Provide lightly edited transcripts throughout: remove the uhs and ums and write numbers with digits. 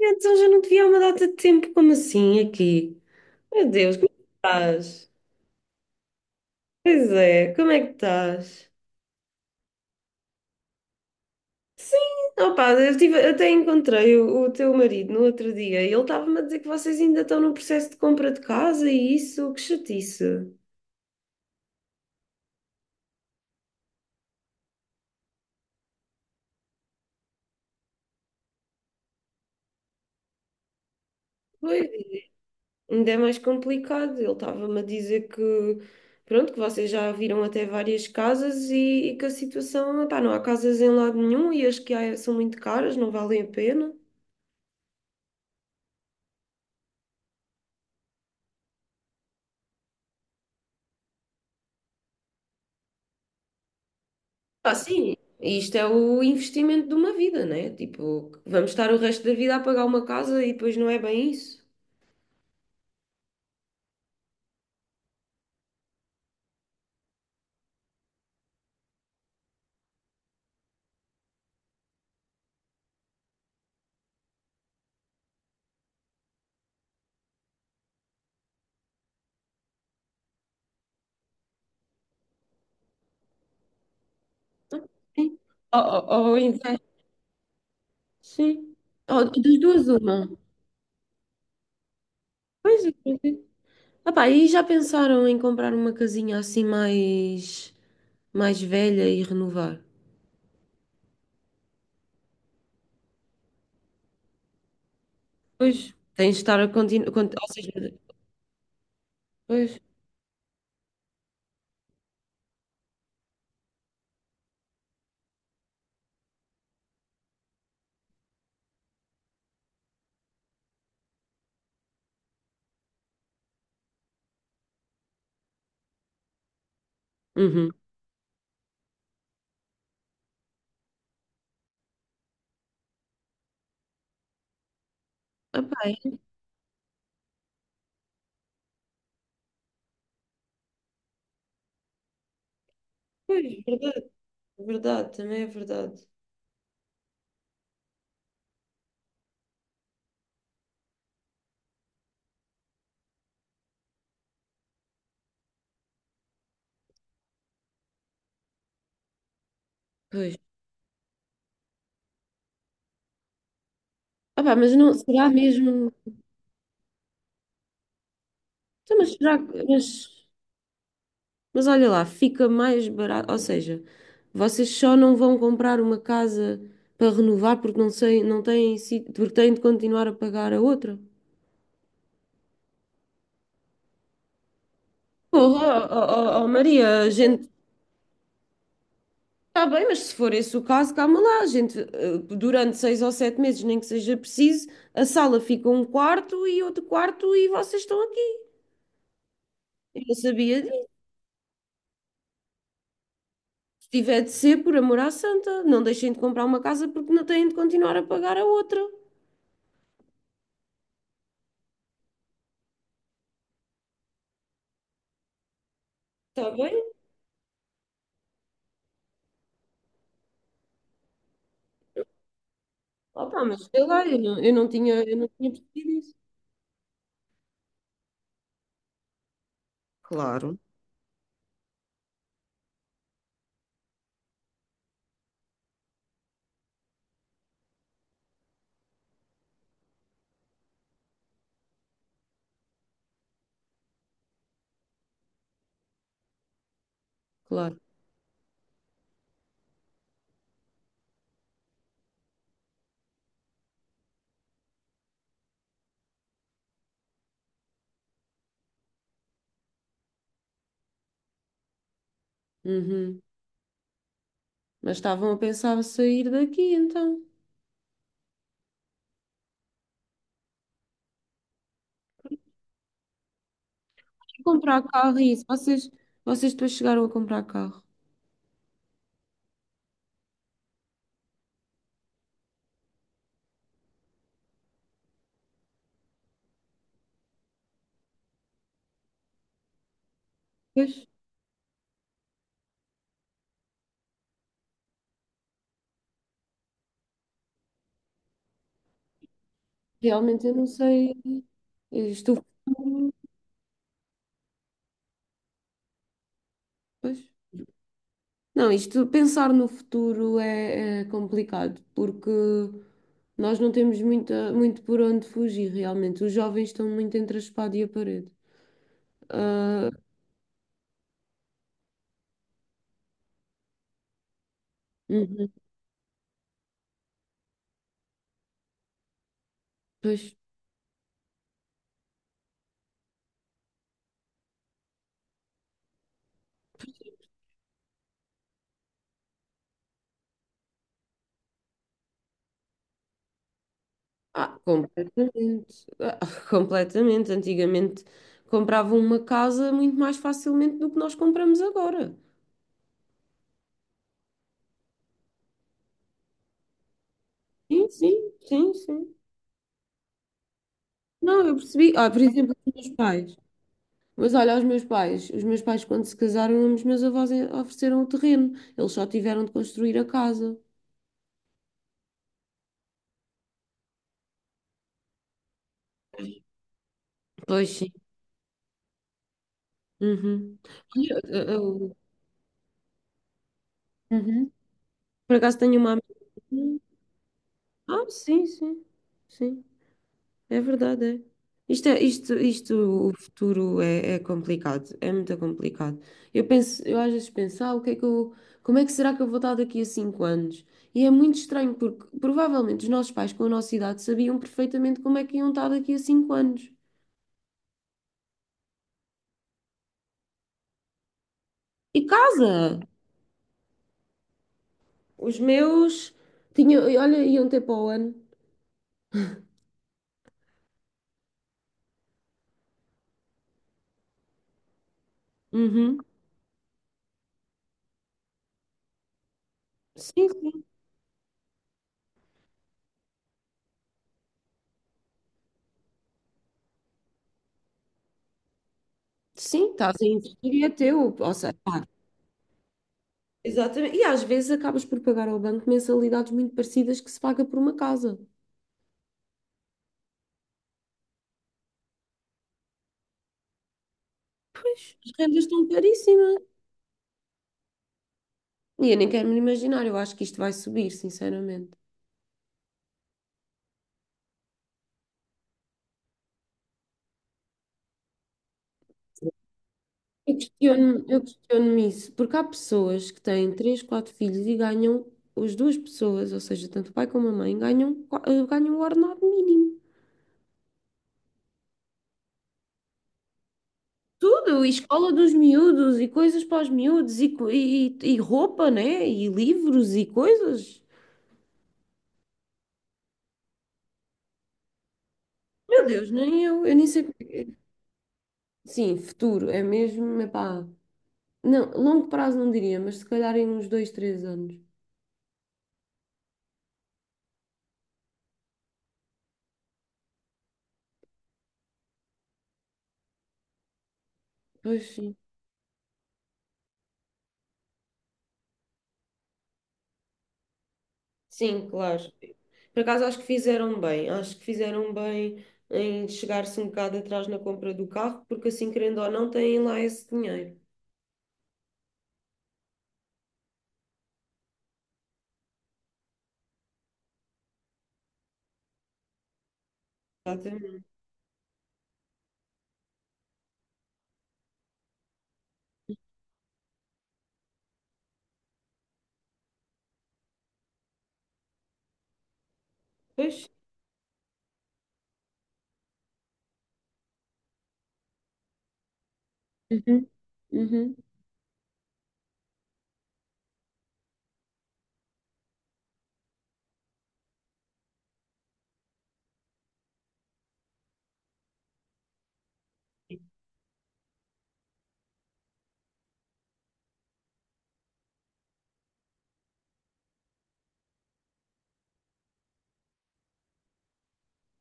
Então já não te vi há uma data de tempo, como assim aqui? Meu Deus, como é que estás? Pois é, como é que estás? Sim, opá, eu tive, até encontrei o teu marido no outro dia e ele estava-me a dizer que vocês ainda estão no processo de compra de casa e isso, que chatice. Pois, ainda é mais complicado. Ele estava-me a dizer que, pronto, que vocês já viram até várias casas e que a situação, opá, não há casas em lado nenhum e as que há são muito caras, não valem a pena. Ah, sim, isto é o investimento de uma vida, né? Tipo, vamos estar o resto da vida a pagar uma casa e depois não é bem isso? Sim. Ou, ou, ou investe, sim. Ou das duas, uma. Pois é. Pois é. Ah, pá, e já pensaram em comprar uma casinha assim mais velha e renovar? Pois. Tens de estar a continuar. Ou seja, pois. Uhum. Ah, pá, pois, verdade, também é verdade. Pois. Ah, pá, mas não, será mesmo. Então, mas será que. Mas olha lá, fica mais barato. Ou seja, vocês só não vão comprar uma casa para renovar porque não sei, não têm, porque têm de continuar a pagar a outra. Porra, oh, Maria, a gente. Está bem, mas se for esse o caso, calma lá. A gente, durante seis ou sete meses, nem que seja preciso, a sala fica um quarto e outro quarto e vocês estão aqui. Eu não sabia disso. Se tiver de ser, por amor à santa, não deixem de comprar uma casa porque não têm de continuar a pagar a outra. Está bem? Opa, mas sei lá, eu não tinha, eu não tinha percebido isso. Claro, claro. Uhum. Mas estavam a pensar sair daqui, então. E comprar carro e isso. Vocês depois chegaram a comprar carro. Pois, realmente eu não sei. Eu estou. Pois. Não, isto, pensar no futuro é, é complicado, porque nós não temos muita, muito por onde fugir, realmente. Os jovens estão muito entre a espada e a parede. Ah, uhum, pois. Ah, completamente. Ah, completamente. Antigamente compravam uma casa muito mais facilmente do que nós compramos agora. Sim, sim, sim, sim. Não, eu percebi. Ah, por exemplo, os meus pais. Mas olha, os meus pais. Os meus pais, quando se casaram, os meus avós ofereceram o terreno. Eles só tiveram de construir a casa. Pois sim. Uhum. Olha, eu- Uhum. Por acaso tenho uma amiga. Ah, sim, sim. Sim. É verdade, é. Isto, isto, isto, o futuro é, é complicado, é muito complicado. Eu penso, eu às vezes penso, ah, o que é que eu, como é que será que eu vou estar daqui a cinco anos? E é muito estranho porque provavelmente os nossos pais com a nossa idade sabiam perfeitamente como é que iam estar daqui a cinco anos. E casa! Os meus tinham, olha, iam ter para o ano. Uhum. Sim, sim, sim, estás a investir e é teu. Ou seja, pá, exatamente. E às vezes acabas por pagar ao banco mensalidades muito parecidas que se paga por uma casa. Pois. As rendas estão caríssimas. E eu nem quero me imaginar, eu acho que isto vai subir, sinceramente. Eu questiono-me isso, porque há pessoas que têm três, quatro filhos e ganham, as duas pessoas, ou seja, tanto o pai como a mãe, ganham, ganham o ordenado mínimo. Tudo, e escola dos miúdos, e coisas para os miúdos, e roupa, né? E livros, e coisas. Meu Deus, nem eu, eu nem sei. Sim, futuro, é mesmo, epá. Não, longo prazo não diria, mas se calhar em uns dois, três anos. Pois sim. Sim, claro. Por acaso acho que fizeram bem em chegar-se um bocado atrás na compra do carro, porque assim, querendo ou não, têm lá esse dinheiro. Exatamente. Pois, uhum. Uhum.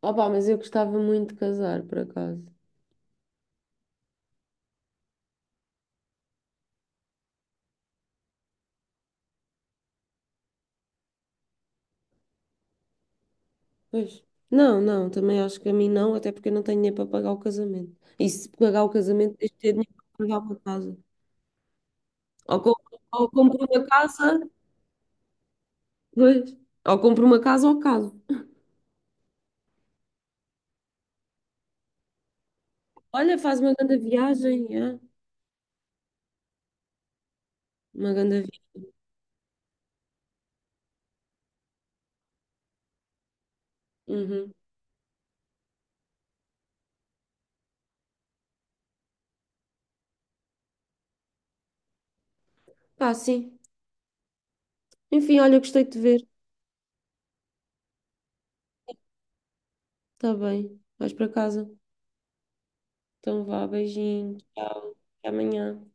Opá, mas eu gostava muito de casar, por acaso. Pois. Não, não, também acho que a mim não, até porque eu não tenho dinheiro para pagar o casamento. E se pagar o casamento, tens de ter dinheiro para pagar uma casa. Ou, co- ou compro uma casa, pois. Ou compro uma casa ou caso. Olha, faz uma grande viagem, é? Uma grande viagem. Uhum. Pá, sim. Enfim, olha, gostei de te ver. Está bem. Vais para casa. Então vá, beijinho. Tchau. Até amanhã.